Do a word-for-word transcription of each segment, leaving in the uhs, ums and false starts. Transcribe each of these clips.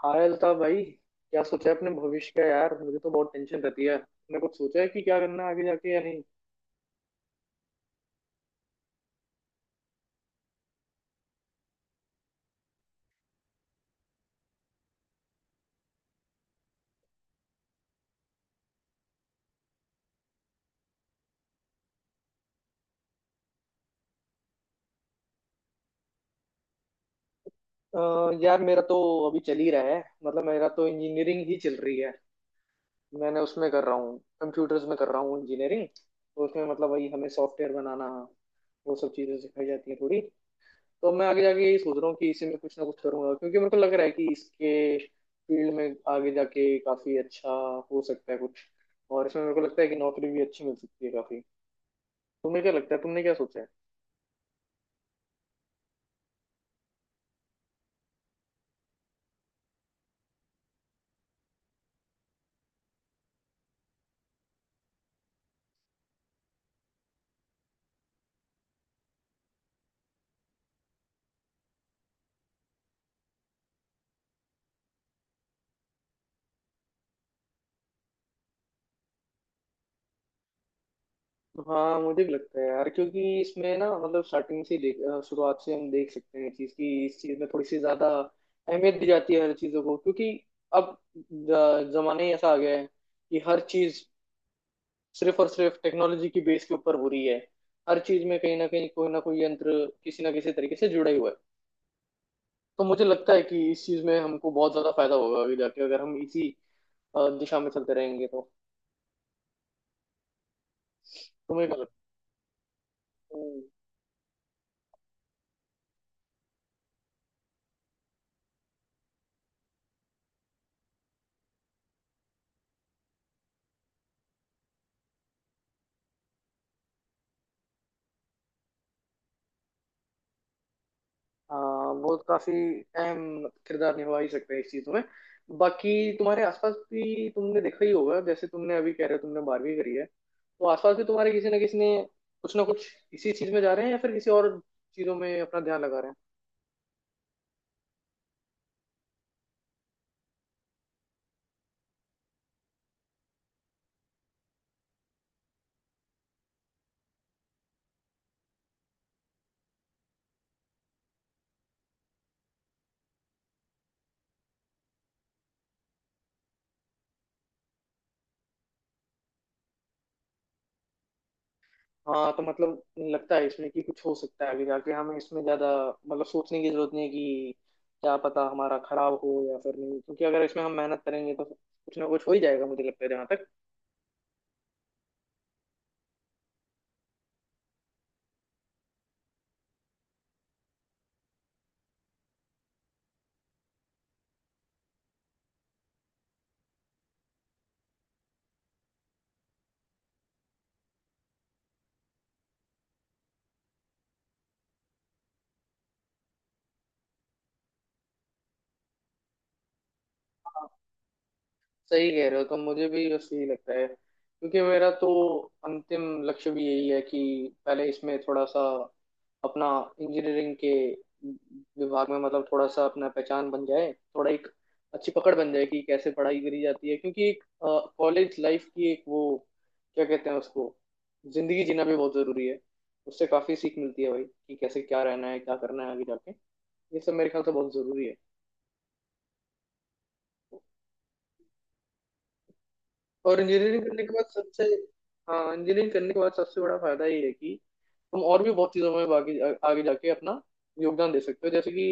हाँ अल्ताफ भाई, क्या सोचा है अपने भविष्य का यार? मुझे तो बहुत टेंशन रहती है। तुमने कुछ सोचा है कि क्या करना है आगे जाके या नहीं? अ, यार, मेरा तो अभी चल ही रहा है। मतलब मेरा तो इंजीनियरिंग ही चल रही है। मैंने उसमें कर रहा हूँ, कंप्यूटर्स में कर रहा हूँ इंजीनियरिंग, तो उसमें मतलब वही हमें सॉफ्टवेयर बनाना, वो सब चीज़ें सिखाई जाती हैं थोड़ी। तो मैं आगे जाके यही सोच रहा हूँ कि इसी में कुछ ना कुछ करूंगा, क्योंकि मेरे को लग रहा है कि इसके फील्ड में आगे जाके काफ़ी अच्छा हो सकता है कुछ। और इसमें मेरे को लगता है कि नौकरी भी अच्छी मिल सकती है काफ़ी। तुम्हें क्या लगता है, तुमने क्या सोचा है? हाँ मुझे भी लगता है यार, क्योंकि इसमें ना मतलब स्टार्टिंग से ही देख, अ, शुरुआत से हम देख सकते हैं चीज की, इस चीज में थोड़ी सी ज्यादा अहमियत दी जाती है हर चीजों को, क्योंकि अब ज- जमाना ही ऐसा आ गया है कि हर चीज सिर्फ और सिर्फ टेक्नोलॉजी की बेस के ऊपर हो रही है। हर चीज में कहीं ना कहीं कोई ना कोई यंत्र किसी ना किसी तरीके से जुड़ा ही हुआ है। तो मुझे लगता है कि इस चीज में हमको बहुत ज्यादा फायदा होगा आगे जाके, अगर हम इसी अ, दिशा में चलते रहेंगे तो। तुम्हें क्या लगता है? हाँ वो काफी अहम किरदार निभा ही सकते हैं इस चीज में। बाकी तुम्हारे आसपास भी तुमने देखा ही होगा, जैसे तुमने अभी कह रहे हो तुमने बारहवीं करी है, तो आसपास भी तुम्हारे किसी ना किसी ने कुछ ना कुछ इसी चीज में जा रहे हैं या फिर किसी और चीजों में अपना ध्यान लगा रहे हैं। हाँ तो मतलब लगता है इसमें कि कुछ हो सकता है आगे जाके, हमें इसमें ज्यादा मतलब सोचने की जरूरत नहीं है कि क्या पता हमारा खराब हो या फिर नहीं, क्योंकि अगर इसमें हम मेहनत करेंगे तो कुछ ना कुछ हो ही जाएगा मुझे लगता है जहाँ तक। सही कह रहे हो, तो मुझे भी ऐसे ही लगता है क्योंकि मेरा तो अंतिम लक्ष्य भी यही है कि पहले इसमें थोड़ा सा अपना इंजीनियरिंग के विभाग में मतलब थोड़ा सा अपना पहचान बन जाए, थोड़ा एक अच्छी पकड़ बन जाए कि कैसे पढ़ाई करी जाती है, क्योंकि एक कॉलेज लाइफ की एक वो क्या कहते हैं उसको, जिंदगी जीना भी बहुत जरूरी है। उससे काफी सीख मिलती है भाई कि कैसे क्या रहना है क्या करना है आगे जाके, ये सब मेरे ख्याल से बहुत जरूरी है। और इंजीनियरिंग करने के बाद सबसे। हाँ इंजीनियरिंग करने के बाद सबसे बड़ा फायदा ये है कि तुम और भी बहुत चीज़ों में बाकी आ- आगे जाके अपना योगदान दे सकते हो, जैसे कि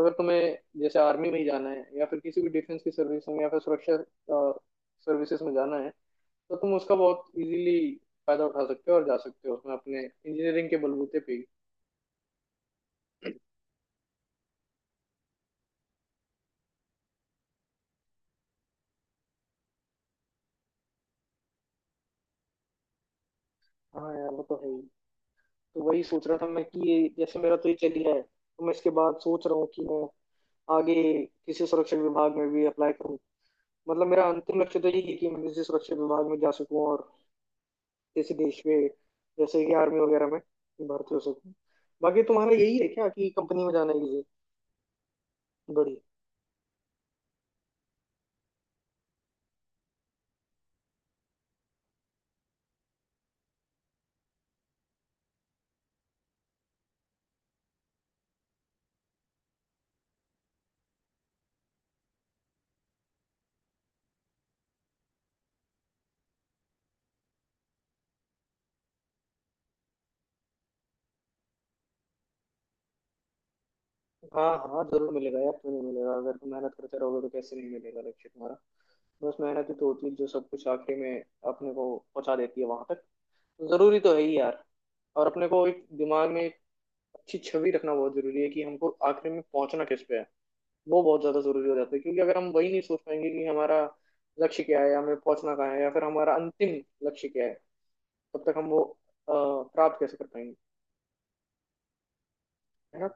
अगर तुम्हें जैसे आर्मी में ही जाना है या फिर किसी भी डिफेंस की सर्विस में या फिर सुरक्षा सर्विसेज में जाना है, तो तुम उसका बहुत इजीली फायदा उठा सकते हो और जा सकते हो उसमें अपने इंजीनियरिंग के बलबूते पे ही। हाँ यार वो तो है ही। तो वही सोच रहा था मैं कि ये जैसे मेरा तो ये चल गया है, तो मैं इसके बाद सोच रहा हूँ कि मैं आगे किसी सुरक्षा विभाग में भी अप्लाई करूँ। मतलब मेरा अंतिम लक्ष्य तो यही है कि मैं किसी सुरक्षा विभाग में जा सकूं और किसी देश में, जैसे कि आर्मी वगैरह में, भर्ती हो सकूं। बाकी तुम्हारा यही है क्या कि कंपनी में जाना है किसी बड़ी? हाँ हाँ जरूर मिलेगा यार, क्यों नहीं मिलेगा? अगर तुम मेहनत करते रहोगे तो कैसे नहीं मिलेगा लक्ष्य तुम्हारा? बस मेहनत ही तो होती है जो सब कुछ आखिरी में अपने को पहुंचा देती है वहां तक। जरूरी तो है ही यार। और अपने को एक दिमाग में एक अच्छी छवि रखना बहुत जरूरी है कि हमको आखिर में पहुंचना किस पे है। वो बहुत ज्यादा जरूरी हो जाता है, क्योंकि अगर हम वही नहीं सोच पाएंगे कि हमारा लक्ष्य क्या है, हमें पहुंचना कहाँ है, या फिर हमारा अंतिम लक्ष्य क्या है, तब तक हम वो अ, प्राप्त कैसे कर पाएंगे? है ना?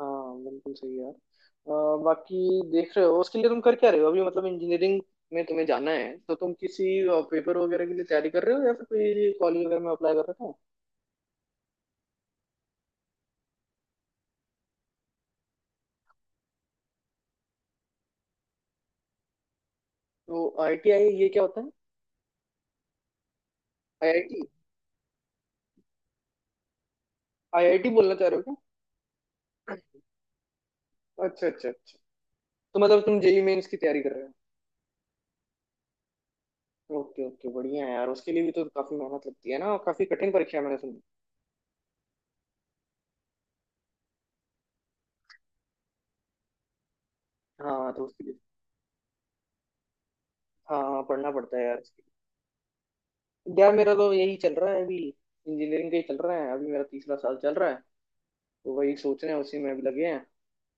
हाँ बिल्कुल सही यार। अ, बाकी देख रहे हो, उसके लिए तुम कर क्या रहे हो अभी? मतलब इंजीनियरिंग में तुम्हें जाना है तो तुम किसी पेपर वगैरह के लिए तैयारी कर रहे हो या फिर कोई कॉलेज वगैरह में अप्लाई कर रहे हो? तो आईटीआई ये क्या होता है? आईआईटी। आईआईटी बोलना चाह रहे हो क्या? अच्छा अच्छा अच्छा। तो मतलब तुम जेई मेंस की तैयारी कर रहे हो। ओके ओके बढ़िया है यार, उसके लिए भी तो काफी मेहनत लगती है ना? और काफी कठिन परीक्षा है मैंने सुनी। हाँ तो उसके लिए। हाँ हाँ, पढ़ना पड़ता है यार उसके लिए। यार मेरा तो यही चल रहा है अभी, इंजीनियरिंग का ही चल रहा है, अभी मेरा तीसरा साल चल रहा है। तो वही सोच रहे हैं, उसी में अभी लगे हैं।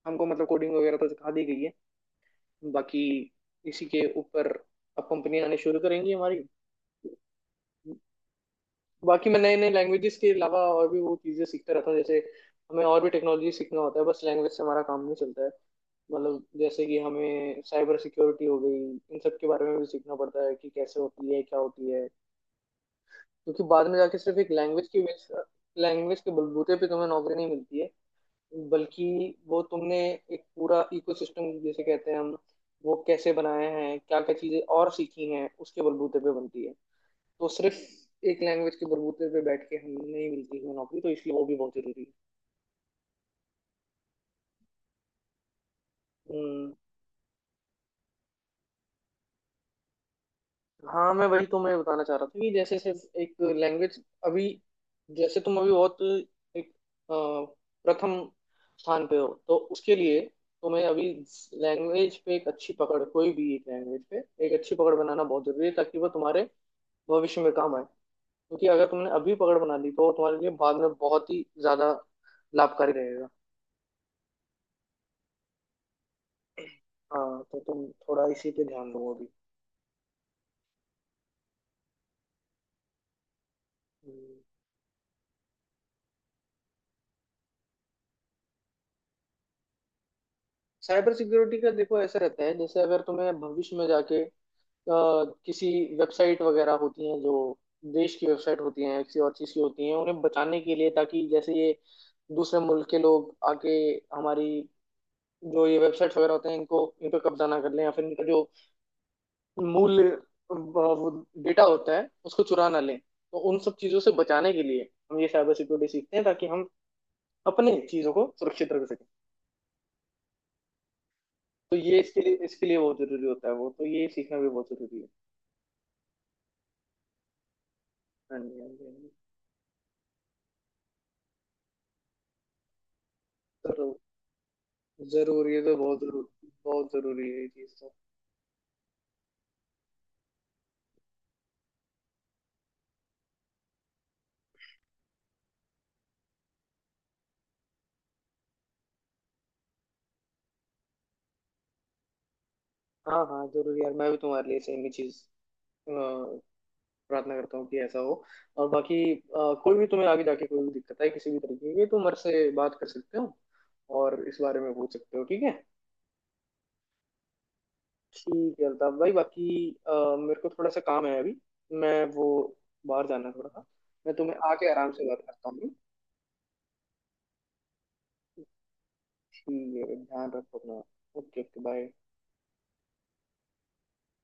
हमको मतलब कोडिंग वगैरह तो सिखा दी गई है। बाकी इसी के ऊपर अब कंपनियां आने शुरू करेंगी हमारी। बाकी मैं नए नए लैंग्वेजेस के अलावा और भी वो चीज़ें सीखता रहता हूँ, जैसे हमें और भी टेक्नोलॉजी सीखना होता है, बस लैंग्वेज से हमारा काम नहीं चलता है। मतलब जैसे कि हमें साइबर सिक्योरिटी हो गई, इन सब के बारे में भी सीखना पड़ता है कि कैसे होती है क्या होती है। क्योंकि बाद में जाके सिर्फ एक लैंग्वेज की लैंग्वेज के बलबूते पे तुम्हें नौकरी नहीं मिलती है, बल्कि वो तुमने एक पूरा इकोसिस्टम जैसे कहते हैं हम, वो कैसे बनाए हैं, क्या क्या चीज़ें और सीखी हैं उसके बलबूते पे बनती है। तो सिर्फ एक लैंग्वेज के बलबूते पे बैठ के हम नहीं मिलती है नौकरी, तो इसलिए वो भी बहुत जरूरी है। हम्म। हाँ मैं वही तुम्हें बताना चाह रहा था कि जैसे सिर्फ एक लैंग्वेज अभी जैसे तुम अभी बहुत एक अ, प्रथम स्थान पे हो, तो उसके लिए तुम्हें अभी लैंग्वेज पे एक अच्छी पकड़, कोई भी एक लैंग्वेज पे एक अच्छी पकड़ बनाना बहुत जरूरी है, ताकि वो तुम्हारे भविष्य में काम आए, क्योंकि अगर तुमने अभी पकड़ बना ली तो वो तुम्हारे लिए बाद में बहुत ही ज्यादा लाभकारी रहेगा। हाँ तो तुम थोड़ा इसी पे ध्यान दो अभी। हम्म। साइबर सिक्योरिटी का देखो ऐसा रहता है, जैसे अगर तुम्हें भविष्य में जाके अ, किसी वेबसाइट वगैरह होती हैं जो देश की वेबसाइट होती हैं, किसी और चीज़ की होती हैं, उन्हें बचाने के लिए, ताकि जैसे ये दूसरे मुल्क के लोग आके हमारी जो ये वेबसाइट्स वगैरह होते हैं इनको, इन पर कब्जा ना कर लें, या फिर इनका जो मूल अ, वो डेटा होता है उसको चुरा ना लें, तो उन सब चीज़ों से बचाने के लिए हम ये साइबर सिक्योरिटी सीखते हैं, ताकि हम अपने चीज़ों को सुरक्षित रख सकें। तो ये इसके लिए इसके लिए बहुत जरूरी होता है वो तो, ये सीखना भी बहुत जरूरी है। हाँ जी, हाँ जी, हाँ जी। जरूर, जरूर ये तो बहुत जरूर, बहुत जरूरी है ये चीज़ तो। हाँ हाँ जरूर यार, मैं भी तुम्हारे लिए सेम ही चीज़ अ, प्रार्थना करता हूँ कि ऐसा हो। और बाकी अ, कोई भी तुम्हें आगे जाके कोई भी दिक्कत है किसी भी तरीके की, तुम मेरे से बात कर सकते हो और इस बारे में पूछ सकते हो, ठीक है? ठीक है अल्ताफ भाई। बाकी अ, मेरे को थोड़ा सा काम है अभी, मैं वो, बाहर जाना है थोड़ा सा। मैं तुम्हें आके आराम से बात करता हूँ। ठीक है, ध्यान रखो अपना। Okay okay bye.